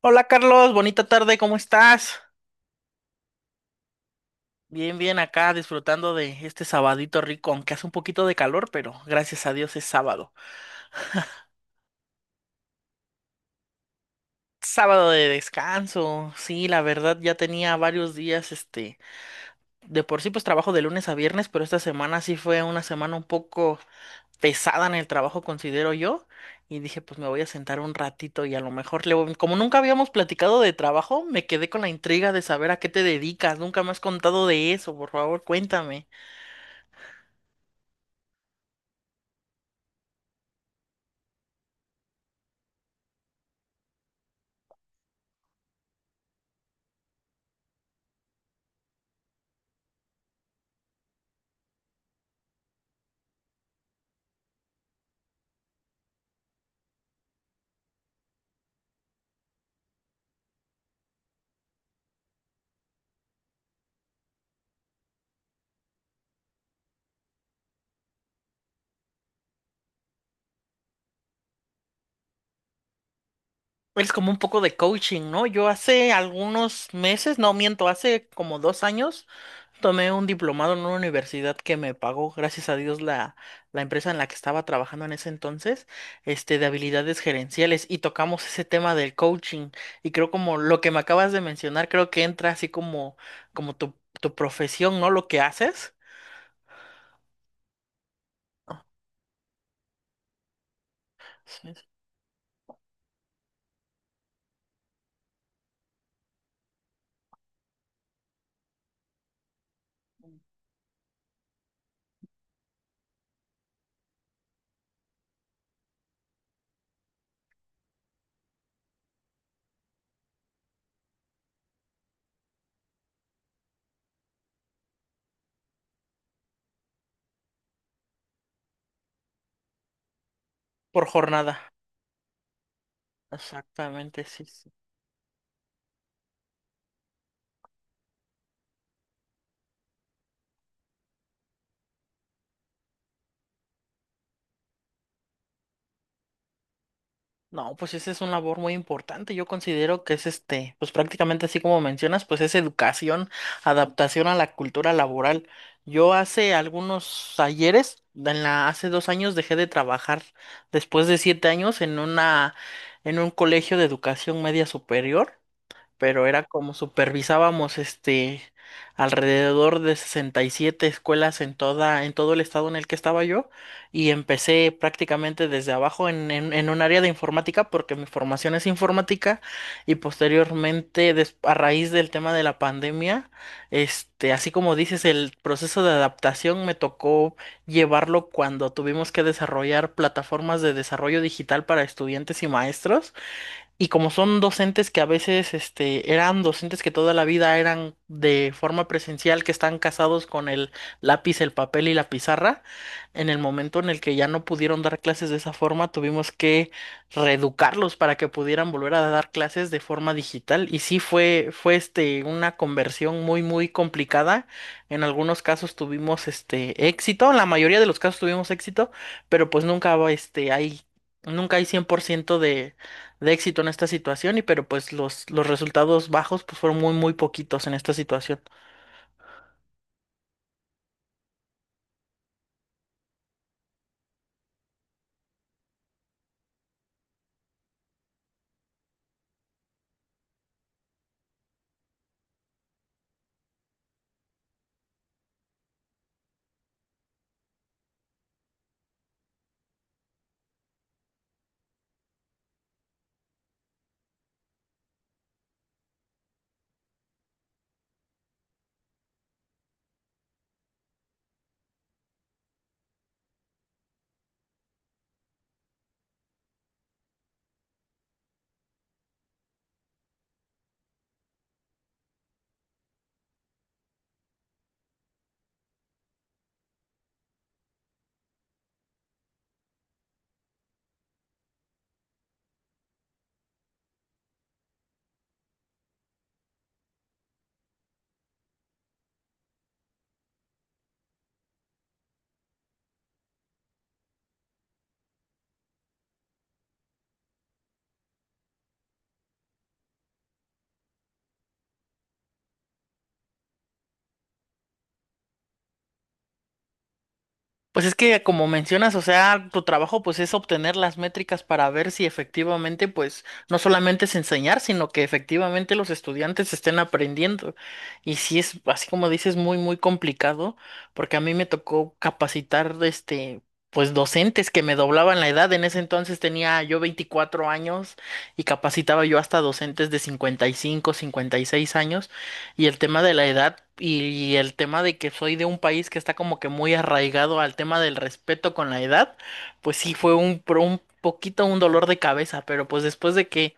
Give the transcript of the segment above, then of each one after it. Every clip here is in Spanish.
Hola Carlos, bonita tarde, ¿cómo estás? Bien, acá disfrutando de este sabadito rico, aunque hace un poquito de calor, pero gracias a Dios es sábado. Sábado de descanso, sí, la verdad ya tenía varios días, de por sí pues trabajo de lunes a viernes, pero esta semana sí fue una semana un poco pesada en el trabajo, considero yo, y dije pues me voy a sentar un ratito y a lo mejor como nunca habíamos platicado de trabajo, me quedé con la intriga de saber a qué te dedicas, nunca me has contado de eso, por favor, cuéntame. Es como un poco de coaching, ¿no? Yo hace algunos meses, no miento, hace como dos años, tomé un diplomado en una universidad que me pagó, gracias a Dios, la empresa en la que estaba trabajando en ese entonces, de habilidades gerenciales, y tocamos ese tema del coaching. Y creo como lo que me acabas de mencionar, creo que entra como tu profesión, ¿no? Lo que haces sí, por jornada. Exactamente, sí. No, pues esa es una labor muy importante. Yo considero que es pues prácticamente así como mencionas, pues es educación, adaptación a la cultura laboral. Yo hace algunos ayeres, hace dos años dejé de trabajar después de siete años en en un colegio de educación media superior, pero era como supervisábamos alrededor de 67 escuelas en todo el estado en el que estaba yo, y empecé prácticamente desde abajo en, en un área de informática porque mi formación es informática, y posteriormente a raíz del tema de la pandemia, así como dices el proceso de adaptación me tocó llevarlo cuando tuvimos que desarrollar plataformas de desarrollo digital para estudiantes y maestros, y como son docentes que a veces eran docentes que toda la vida eran de forma presencial, que están casados con el lápiz, el papel y la pizarra, en el momento en el que ya no pudieron dar clases de esa forma, tuvimos que reeducarlos para que pudieran volver a dar clases de forma digital. Y sí fue una conversión muy, muy complicada. En algunos casos tuvimos éxito, en la mayoría de los casos tuvimos éxito, pero pues nunca, nunca hay 100% de éxito en esta situación, y pero pues los resultados bajos pues fueron muy muy poquitos en esta situación. Pues es que como mencionas, o sea, tu trabajo pues es obtener las métricas para ver si efectivamente pues no solamente es enseñar, sino que efectivamente los estudiantes estén aprendiendo. Y sí es así como dices muy muy complicado porque a mí me tocó capacitar pues docentes que me doblaban la edad. En ese entonces tenía yo 24 años y capacitaba yo hasta docentes de 55, 56 años, y el tema de la edad y el tema de que soy de un país que está como que muy arraigado al tema del respeto con la edad, pues sí fue un poquito un dolor de cabeza, pero pues después de que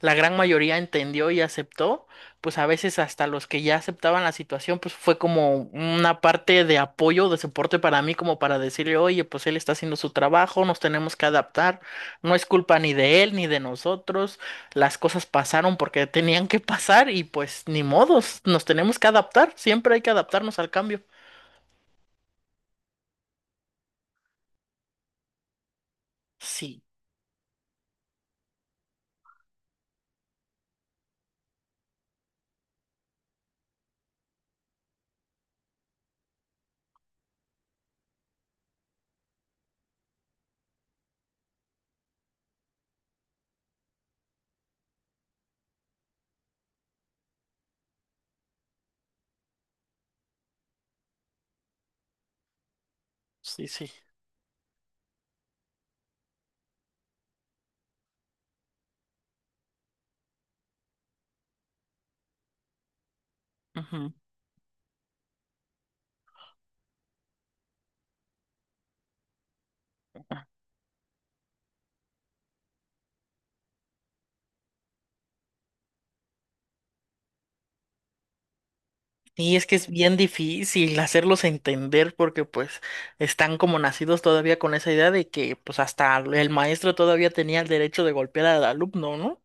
la gran mayoría entendió y aceptó, pues a veces hasta los que ya aceptaban la situación, pues fue como una parte de apoyo, de soporte para mí, como para decirle, oye, pues él está haciendo su trabajo, nos tenemos que adaptar, no es culpa ni de él ni de nosotros, las cosas pasaron porque tenían que pasar y pues ni modos, nos tenemos que adaptar, siempre hay que adaptarnos al cambio. Sí, sí, sí. Ujú. Y es que es bien difícil hacerlos entender porque pues están como nacidos todavía con esa idea de que pues hasta el maestro todavía tenía el derecho de golpear al alumno, ¿no?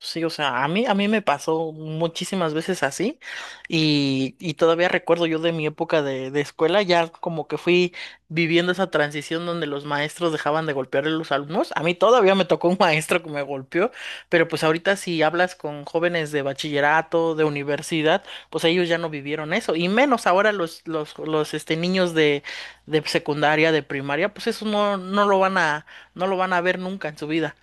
Sí, o sea, a mí me pasó muchísimas veces así y todavía recuerdo yo de mi época de escuela, ya como que fui viviendo esa transición donde los maestros dejaban de golpear a los alumnos. A mí todavía me tocó un maestro que me golpeó, pero pues ahorita si hablas con jóvenes de bachillerato, de universidad, pues ellos ya no vivieron eso, y menos ahora los niños de secundaria, de primaria, pues eso no lo van a, no lo van a ver nunca en su vida.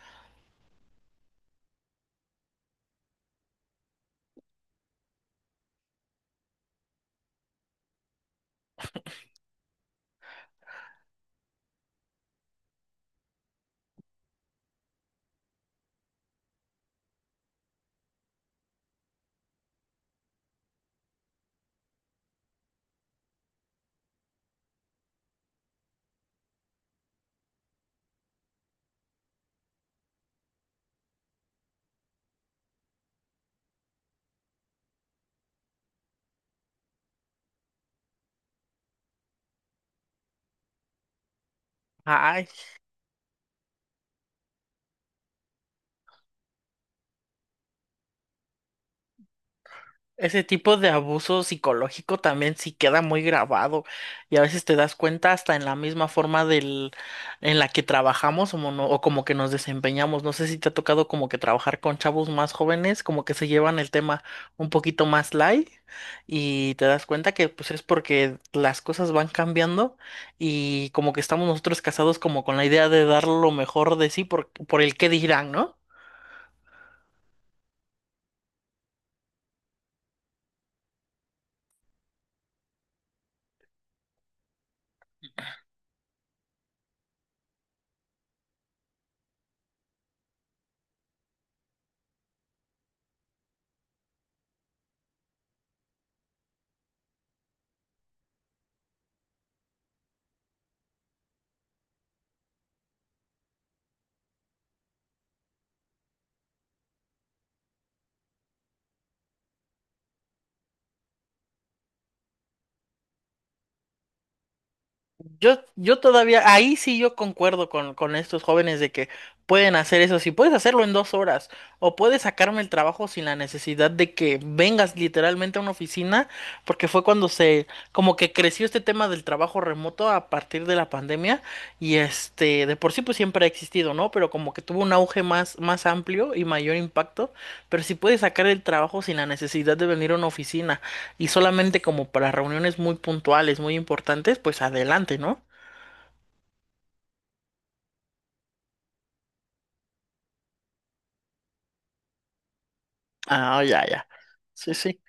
Ese tipo de abuso psicológico también sí queda muy grabado, y a veces te das cuenta hasta en la misma forma del en la que trabajamos o como que nos desempeñamos. No sé si te ha tocado como que trabajar con chavos más jóvenes, como que se llevan el tema un poquito más light, y te das cuenta que pues es porque las cosas van cambiando, y como que estamos nosotros casados como con la idea de dar lo mejor de sí por el qué dirán, ¿no? Yo todavía, ahí sí yo concuerdo con estos jóvenes de que pueden hacer eso. Si puedes hacerlo en dos horas o puedes sacarme el trabajo sin la necesidad de que vengas literalmente a una oficina, porque fue cuando como que creció este tema del trabajo remoto a partir de la pandemia, y de por sí pues siempre ha existido, ¿no? Pero como que tuvo un auge más amplio y mayor impacto. Pero si puedes sacar el trabajo sin la necesidad de venir a una oficina, y solamente como para reuniones muy puntuales, muy importantes, pues adelante, ¿no? Ah, ya, ya. Sí, sí.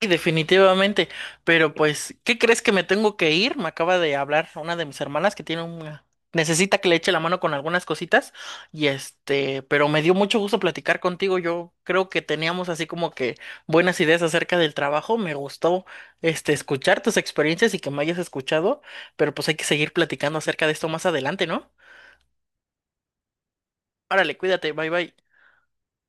Y definitivamente. Pero pues, ¿qué crees que me tengo que ir? Me acaba de hablar una de mis hermanas que tiene una... Necesita que le eche la mano con algunas cositas. Y este, pero me dio mucho gusto platicar contigo. Yo creo que teníamos así como que buenas ideas acerca del trabajo. Me gustó escuchar tus experiencias y que me hayas escuchado. Pero pues hay que seguir platicando acerca de esto más adelante, ¿no? Órale, cuídate, bye bye.